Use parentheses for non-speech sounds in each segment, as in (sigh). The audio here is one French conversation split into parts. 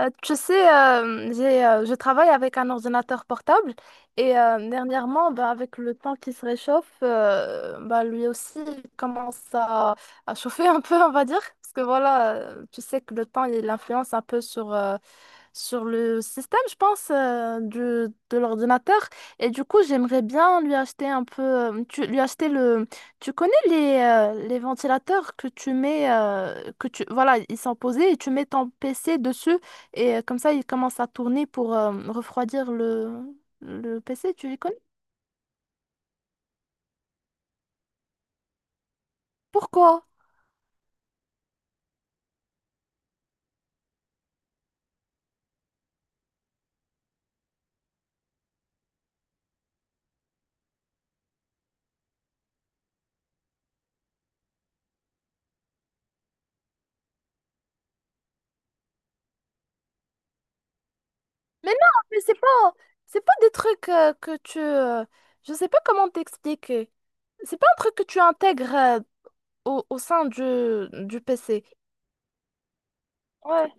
Je travaille avec un ordinateur portable et dernièrement, avec le temps qui se réchauffe, lui aussi il commence à chauffer un peu, on va dire. Parce que voilà, tu sais que le temps, il influence un peu sur le système, je pense, de l'ordinateur. Et du coup, j'aimerais bien lui acheter un peu, lui acheter le... Tu connais les ventilateurs que tu mets, voilà, ils sont posés et tu mets ton PC dessus. Et comme ça, il commence à tourner pour refroidir le PC, tu les connais? Pourquoi? Mais non, mais c'est pas des trucs que tu... je sais pas comment t'expliquer. C'est pas un truc que tu intègres au sein du PC. Ouais,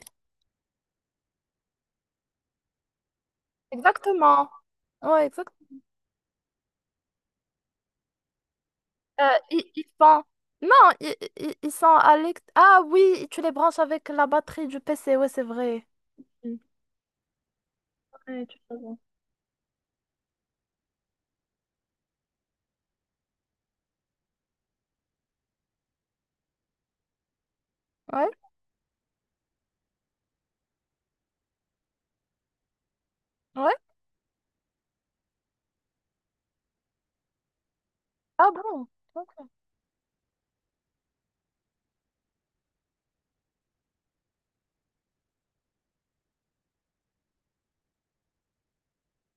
exactement. Ouais, exactement. Ils sont... Non, ils sont à l'ex- Ah oui, tu les branches avec la batterie du PC, ouais, c'est vrai. Mm. Ouais, tu as raison. Ouais, ouais. Ah bon?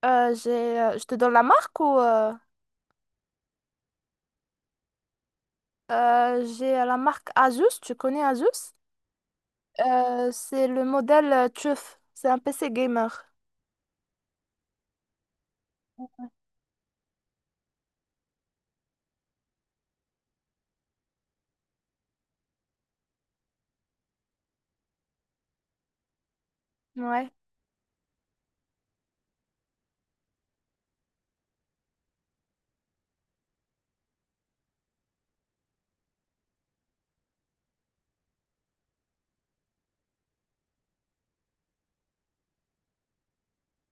Je te donne la marque ou j'ai la marque Asus, tu connais Asus? C'est le modèle TUF, c'est un PC gamer. Ouais.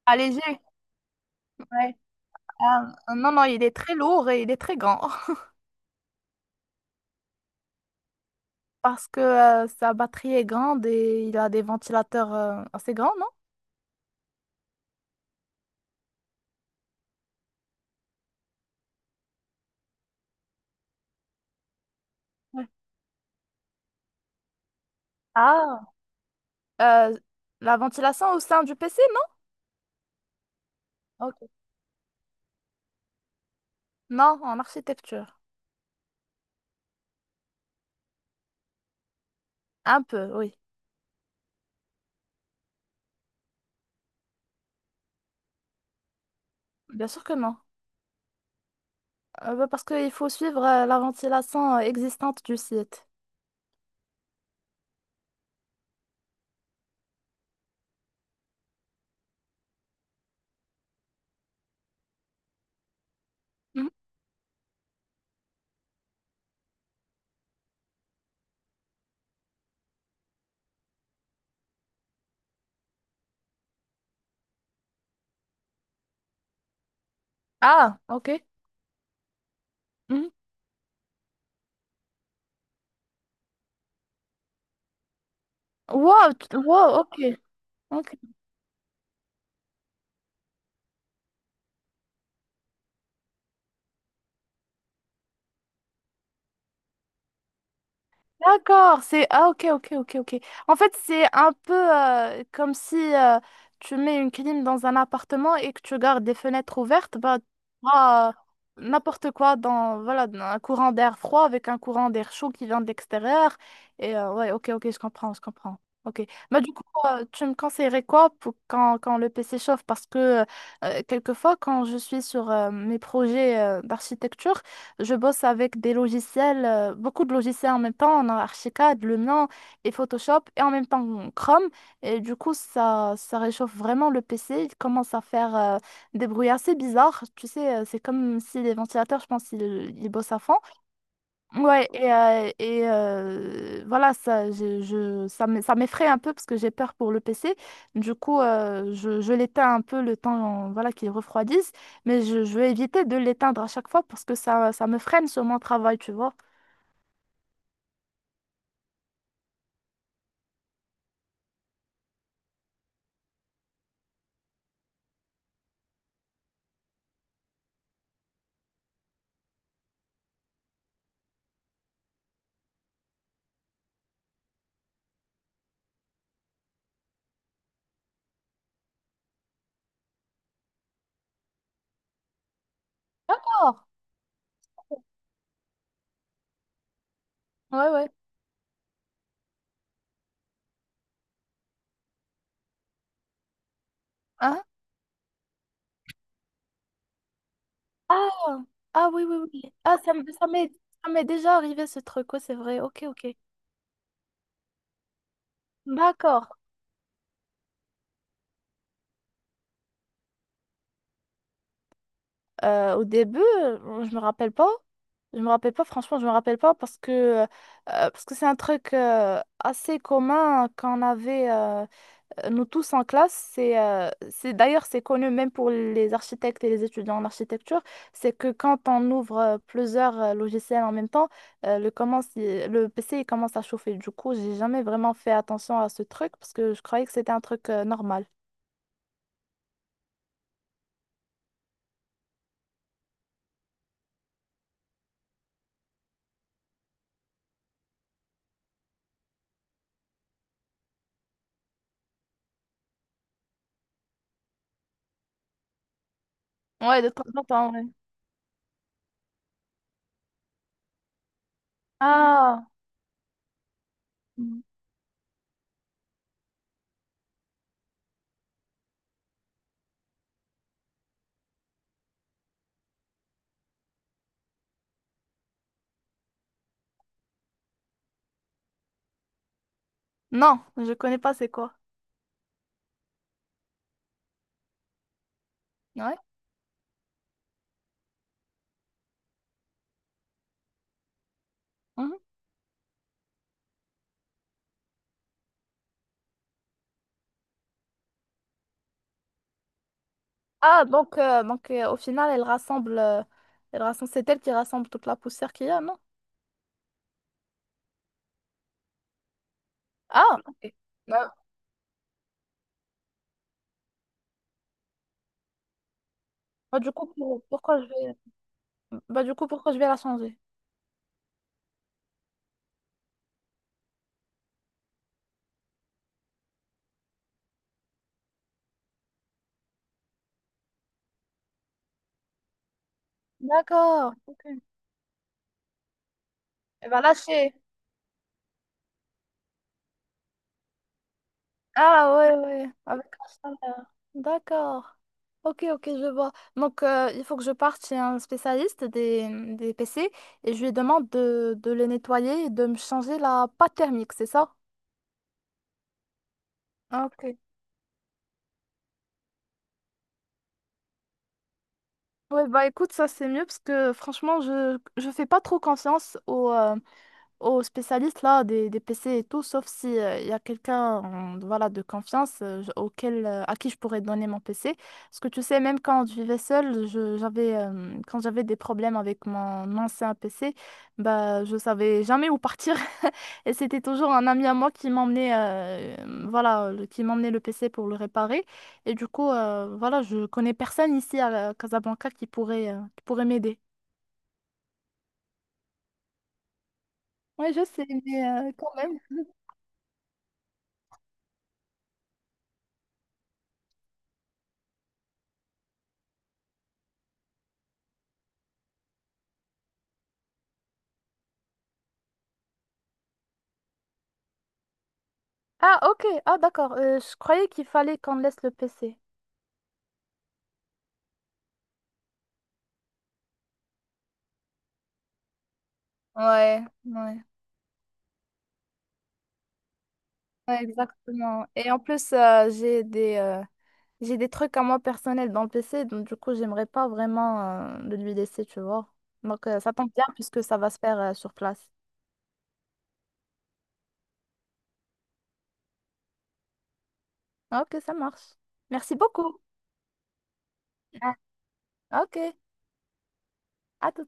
Allégé. Ouais. Non, il est très lourd et il est très grand (laughs) parce que sa batterie est grande et il a des ventilateurs assez grands, non? Ouais. Ah. Euh, la ventilation au sein du PC, non? Ok. Non, en architecture. Un peu, oui. Bien sûr que non. Parce qu'il faut suivre la ventilation existante du site. Mhm. Ah, ok. Mhm. Wow, ok. Ok, d'accord, c'est... Ah ok, ok, ok, ok. En fait, c'est un peu comme si tu mets une clim dans un appartement et que tu gardes des fenêtres ouvertes, ah n'importe quoi dans, voilà, dans un courant d'air froid avec un courant d'air chaud qui vient de l'extérieur. Et ouais, ok, ok, je comprends, je comprends. Ok. Bah, du coup, tu me conseillerais quoi pour quand le PC chauffe? Parce que quelquefois, quand je suis sur mes projets d'architecture, je bosse avec des logiciels, beaucoup de logiciels en même temps. On a Archicad, Lumion et Photoshop et en même temps Chrome. Et du coup, ça réchauffe vraiment le PC. Il commence à faire des bruits assez bizarres. Tu sais, c'est comme si les ventilateurs, je pense, ils bossent à fond. Ouais, et voilà, ça, je- ça me- ça m'effraie un peu parce que j'ai peur pour le PC. Du coup, je l'éteins un peu le temps voilà, qu'il refroidisse, mais je vais éviter de l'éteindre à chaque fois parce que ça me freine sur mon travail, tu vois. D'accord. Ouais, ouais. Hein? Ah, ah oui, oui, oui. Ça m'est déjà arrivé ce truc, ouais, c'est vrai. Ok, ok. D'accord. Au début, je me rappelle pas. Je me rappelle pas, franchement, je me rappelle pas parce que parce que c'est un truc assez commun qu'on avait nous tous en classe. C'est d'ailleurs c'est connu même pour les architectes et les étudiants en architecture. C'est que quand on ouvre plusieurs logiciels en même temps, le PC il commence à chauffer. Du coup, j'ai jamais vraiment fait attention à ce truc parce que je croyais que c'était un truc normal. Ouais, de temps en temps, ouais. Ah. Non, je connais pas c'est quoi. Ouais. Mhm. Ah, donc, au final, elle rassemble, c'est elle qui rassemble toute la poussière qu'il y a, non? Ah, ok. Bah, bah, du coup, pour- pourquoi je vais... Bah, du coup, pourquoi je vais la changer? D'accord, ok. Elle va lâcher. Ah, ouais, ouais. Avec la chaleur. D'accord. Ok, ok, je vois. Donc, il faut que je parte chez un spécialiste des PC et je lui demande de les nettoyer et de me changer la pâte thermique, c'est ça? Ok. Ouais, bah écoute, ça c'est mieux parce que franchement, je fais pas trop confiance aux, aux spécialistes là, des PC et tout, sauf si il y a quelqu'un voilà, de confiance auquel, à qui je pourrais donner mon PC. Parce que tu sais, même quand je vivais seule, quand j'avais des problèmes avec mon ancien PC, bah, je savais jamais où partir. (laughs) Et c'était toujours un ami à moi qui m'emmenait qui m'emmenait le PC pour le réparer. Et du coup, voilà, je connais personne ici à Casablanca qui pourrait m'aider. Oui, je sais, mais quand même. Ah, ok. Ah, d'accord. Je croyais qu'il fallait qu'on laisse le PC. Ouais, ouais, ouais, exactement. Et en plus, j'ai des trucs à moi personnels dans le PC, donc du coup, j'aimerais pas vraiment le lui laisser, tu vois. Donc, ça tombe bien puisque ça va se faire sur place. Ah, ok, ça marche. Merci beaucoup. Ah, ok, à tout